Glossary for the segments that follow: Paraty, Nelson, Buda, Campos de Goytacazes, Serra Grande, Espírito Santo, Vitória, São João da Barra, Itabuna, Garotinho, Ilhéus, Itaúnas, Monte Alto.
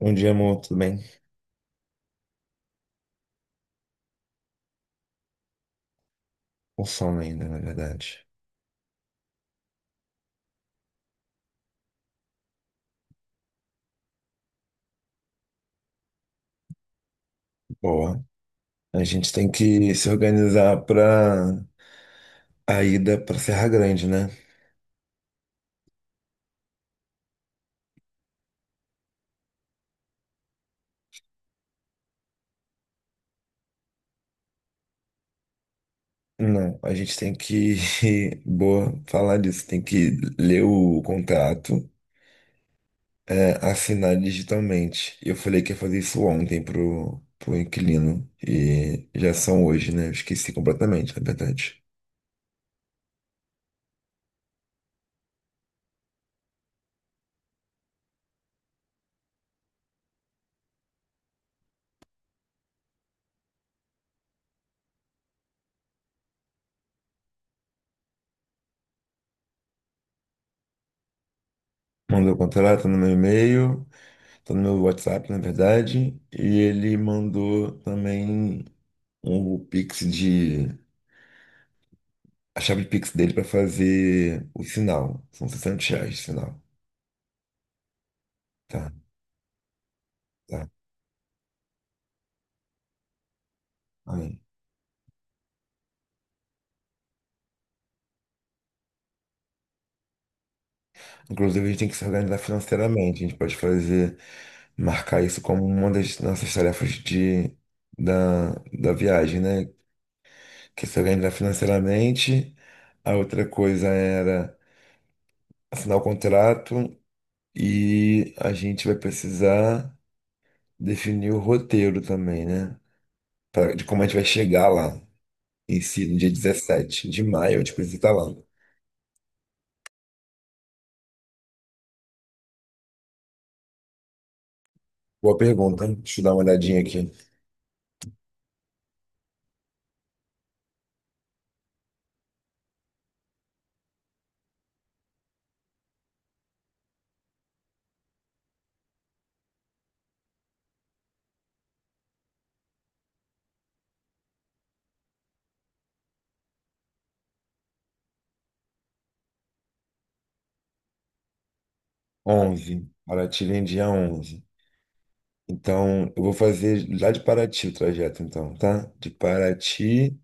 Bom dia, amor, tudo bem? O sono ainda, na verdade. Boa. A gente tem que se organizar para a ida para Serra Grande, né? Não, a gente tem que. Boa, falar disso. Tem que ler o contrato, é, assinar digitalmente. Eu falei que ia fazer isso ontem pro inquilino. E já são hoje, né? Eu esqueci completamente, na verdade. Mandou o contrato no meu e-mail, tá no meu WhatsApp, na verdade. E ele mandou também, um Pix de. A chave de Pix dele para fazer o sinal. São R$ 60 de sinal. Tá, tá. Aí. Inclusive, a gente tem que se organizar financeiramente. A gente pode fazer, marcar isso como uma das nossas tarefas de, da, da viagem, né? Que é se organizar financeiramente. A outra coisa era assinar o contrato e a gente vai precisar definir o roteiro também, né? De como a gente vai chegar lá. Em si, no dia 17 de maio, eu te preciso estar lá. Boa pergunta, hein? Deixa eu dar uma olhadinha aqui. 11. Paraty vem dia 11. Então, eu vou fazer lá de Paraty o trajeto, então, tá? De Paraty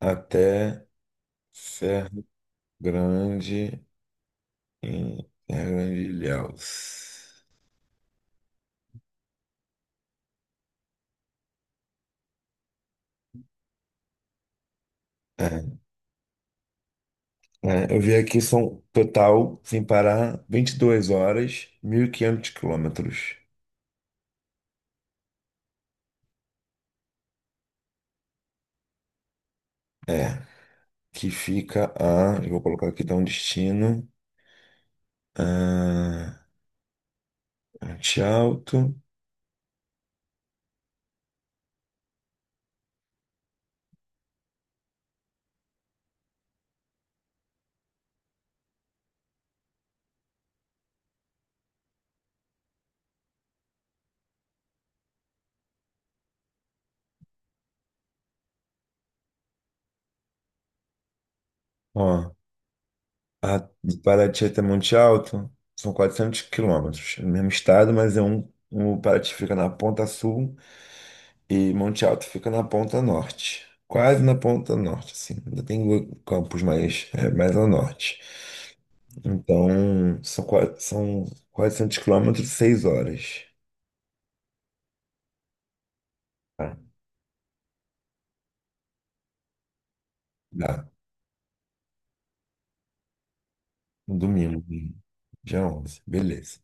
até Serra Grande, em Serra Grande de Ilhéus. É, é, eu vi aqui, são total, sem parar, 22 horas, 1.500 quilômetros. É, que fica a. Eu vou colocar aqui, dá um destino. Ah, Monte Alto. Ó, a, de Paraty até Monte Alto são 400 km. É o mesmo estado, mas é o Paraty fica na ponta sul e Monte Alto fica na ponta norte. Quase na ponta norte, assim. Ainda tem campos mais, é, mais ao norte. Então, são 400 km, 6 horas. Tá. Dá. No domingo, dia 11, beleza.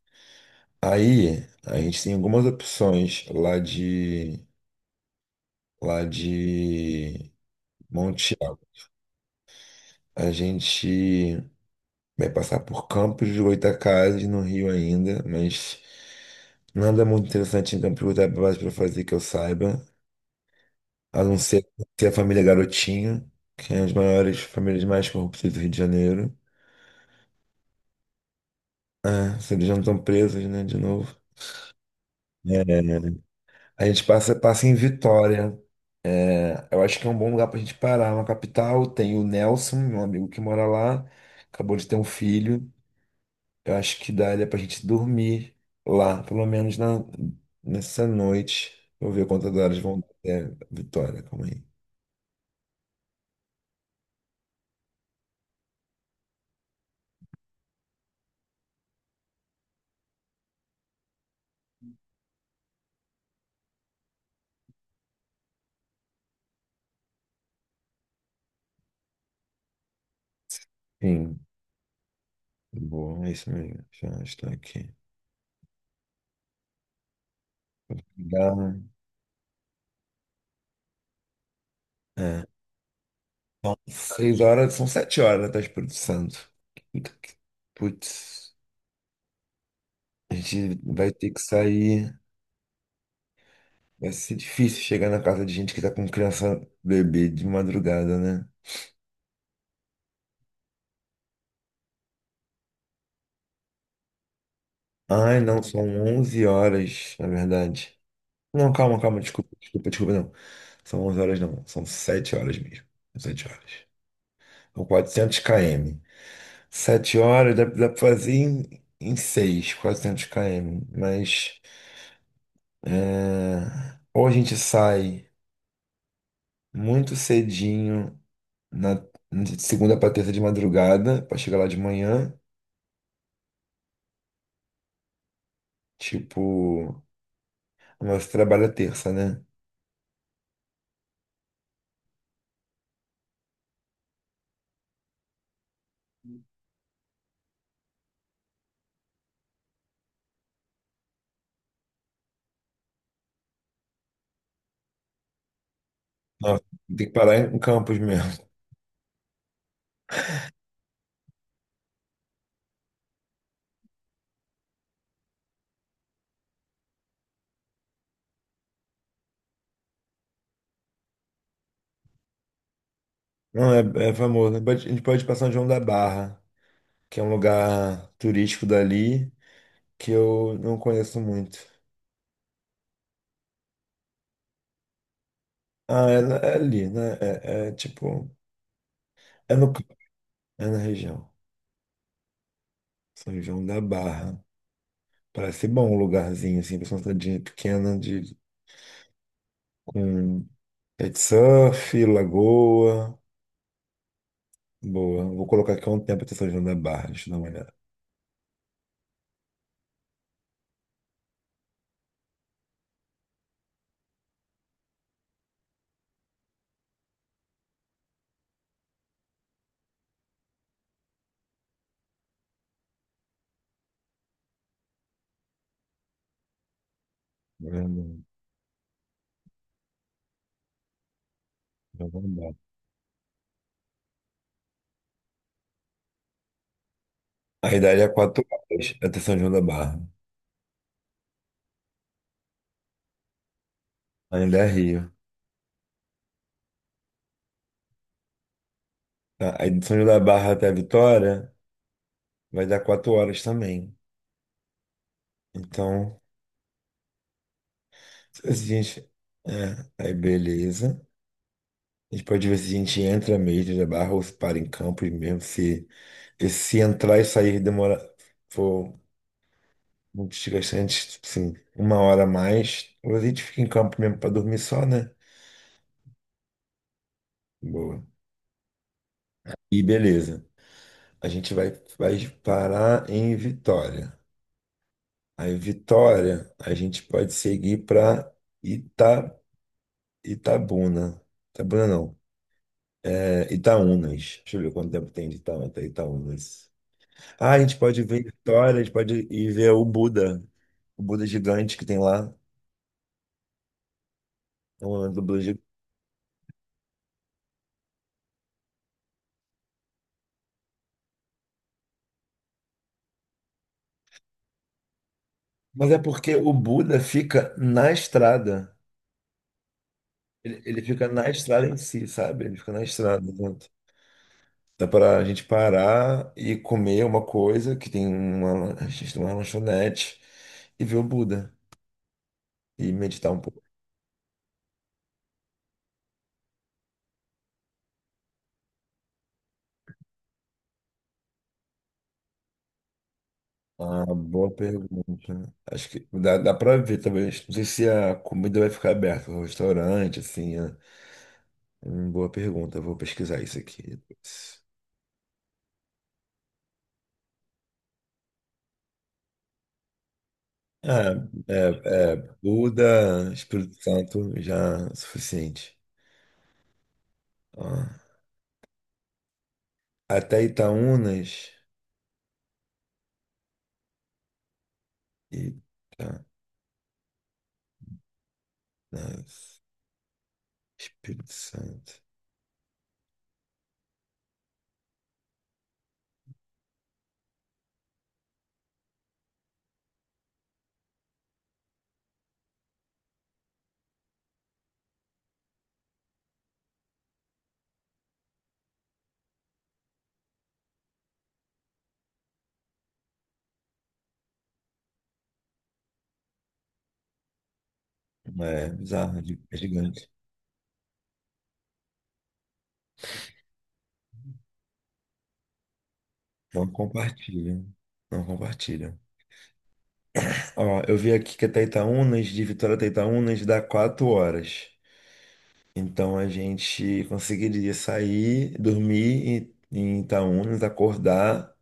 Aí, a gente tem algumas opções lá de Monte Tiago. A gente vai passar por Campos de Goytacazes, no Rio ainda, mas nada muito interessante em Campos de Goytacazes para fazer que eu saiba, a não ser ter a família Garotinho, que é uma das maiores famílias mais corruptas do Rio de Janeiro. Ah, se eles já não estão presos, né, de novo. É, a gente passa em Vitória. É, eu acho que é um bom lugar pra gente parar. É uma capital, tem o Nelson, meu amigo que mora lá, acabou de ter um filho. Eu acho que daria pra gente dormir lá, pelo menos nessa noite. Vou ver quantas horas vão dar até Vitória, calma aí. Sim, bom, é isso mesmo. Já estou aqui. Dá, é. São 6 horas, são 7 horas até o Espírito Santo. Puta que- Putz, a gente vai ter que sair. Vai ser difícil chegar na casa de gente que tá com criança bebê de madrugada, né? Ai, não, são 11 horas, na verdade. Não, calma, calma, desculpa, desculpa, desculpa, não. São 11 horas, não. São 7 horas mesmo. 7 horas. São 400 km. 7 horas dá pra fazer em 6, 400 km. Mas é, ou a gente sai muito cedinho, na, de segunda pra terça de madrugada, pra chegar lá de manhã. Tipo, mas você trabalha terça, né? Nossa, tem que parar em Campos mesmo. Não, é famoso. A gente pode ir pra São João da Barra, que é um lugar turístico dali que eu não conheço muito. Ah, é, é ali, né? É tipo, é no, campo, é na região, São João da Barra. Parece bom um lugarzinho assim, pra uma cidadinha pequena de com pet de surf, lagoa, boa. Vou colocar aqui um tempo até São João da Barra, deixa eu dar uma olhada. São João da Barra. Aí daria é 4 horas até São João da Barra. Ainda é Rio. Tá. Aí de São João da Barra até a Vitória vai dar 4 horas também. Então a gente... É, aí beleza. A gente pode ver se a gente entra mesmo na barra ou se para em campo e mesmo se entrar e sair demora for muito desgastante, sim uma hora a mais, ou a gente fica em campo mesmo para dormir só, né? Boa. E beleza. A gente vai parar em Vitória. Aí Vitória, a gente pode seguir para Ita, Itabuna. Itabuna não, é Itaúnas. Deixa eu ver quanto tempo tem de Itaúna até Itaúnas. Ah, a gente pode ver Vitória, a gente pode ir ver o Buda gigante que tem lá. É um monumento do Buda gigante. Mas é porque o Buda fica na estrada. Ele fica na estrada em si, sabe? Ele fica na estrada. Exato. Dá para a gente parar e comer uma coisa que tem uma, a gente tem uma lanchonete e ver o Buda e meditar um pouco. Ah, boa pergunta. Acho que dá para ver, talvez. Não sei se a comida vai ficar aberta, o restaurante, assim, né? Boa pergunta, vou pesquisar isso aqui, depois. Ah, é, Buda, Espírito Santo, já é suficiente. Ó, até Itaúnas, Itaúnas, Espírito Santo. É, bizarro, é gigante. Não compartilham, não compartilham. Ó, eu vi aqui que até Itaúnas, de Vitória até Itaúnas, dá 4 horas. Então a gente conseguiria sair, dormir em Itaúnas, acordar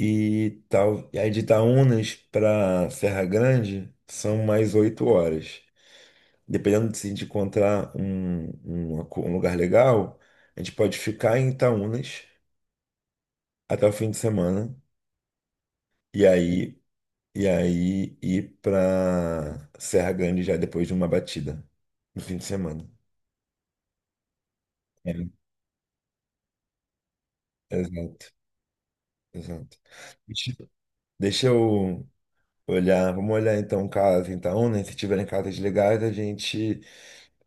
e tal, e aí de Itaúnas para Serra Grande são mais 8 horas. Dependendo de se a gente encontrar um lugar legal, a gente pode ficar em Itaúnas até o fim de semana e aí e aí ir para Serra Grande já depois de uma batida no fim de semana. É, exato, exato. Deixa deixa eu olhar, vamos olhar então casa em Itaúnas, se tiverem casas legais, a gente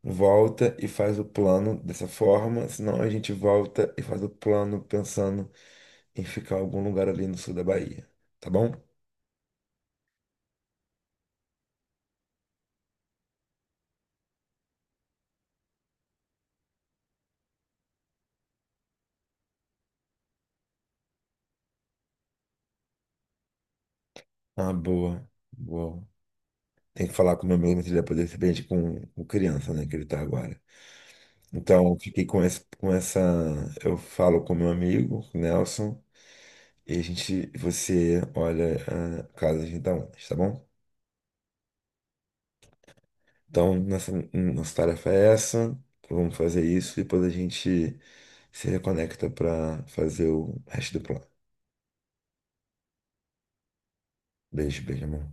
volta e faz o plano dessa forma, senão a gente volta e faz o plano pensando em ficar em algum lugar ali no sul da Bahia, tá bom? Ah, boa, boa. Tem que falar com meu amigo se ele vai poder ser presente com criança, né, que ele tá agora. Então, eu fiquei com esse, com essa, eu falo com meu amigo, com o Nelson, e a gente, você olha a casa de gente dá ondas, tá bom? Então, nossa, nossa tarefa é essa. Então vamos fazer isso e depois a gente se reconecta para fazer o resto do plano. Beijo, beijo, amor.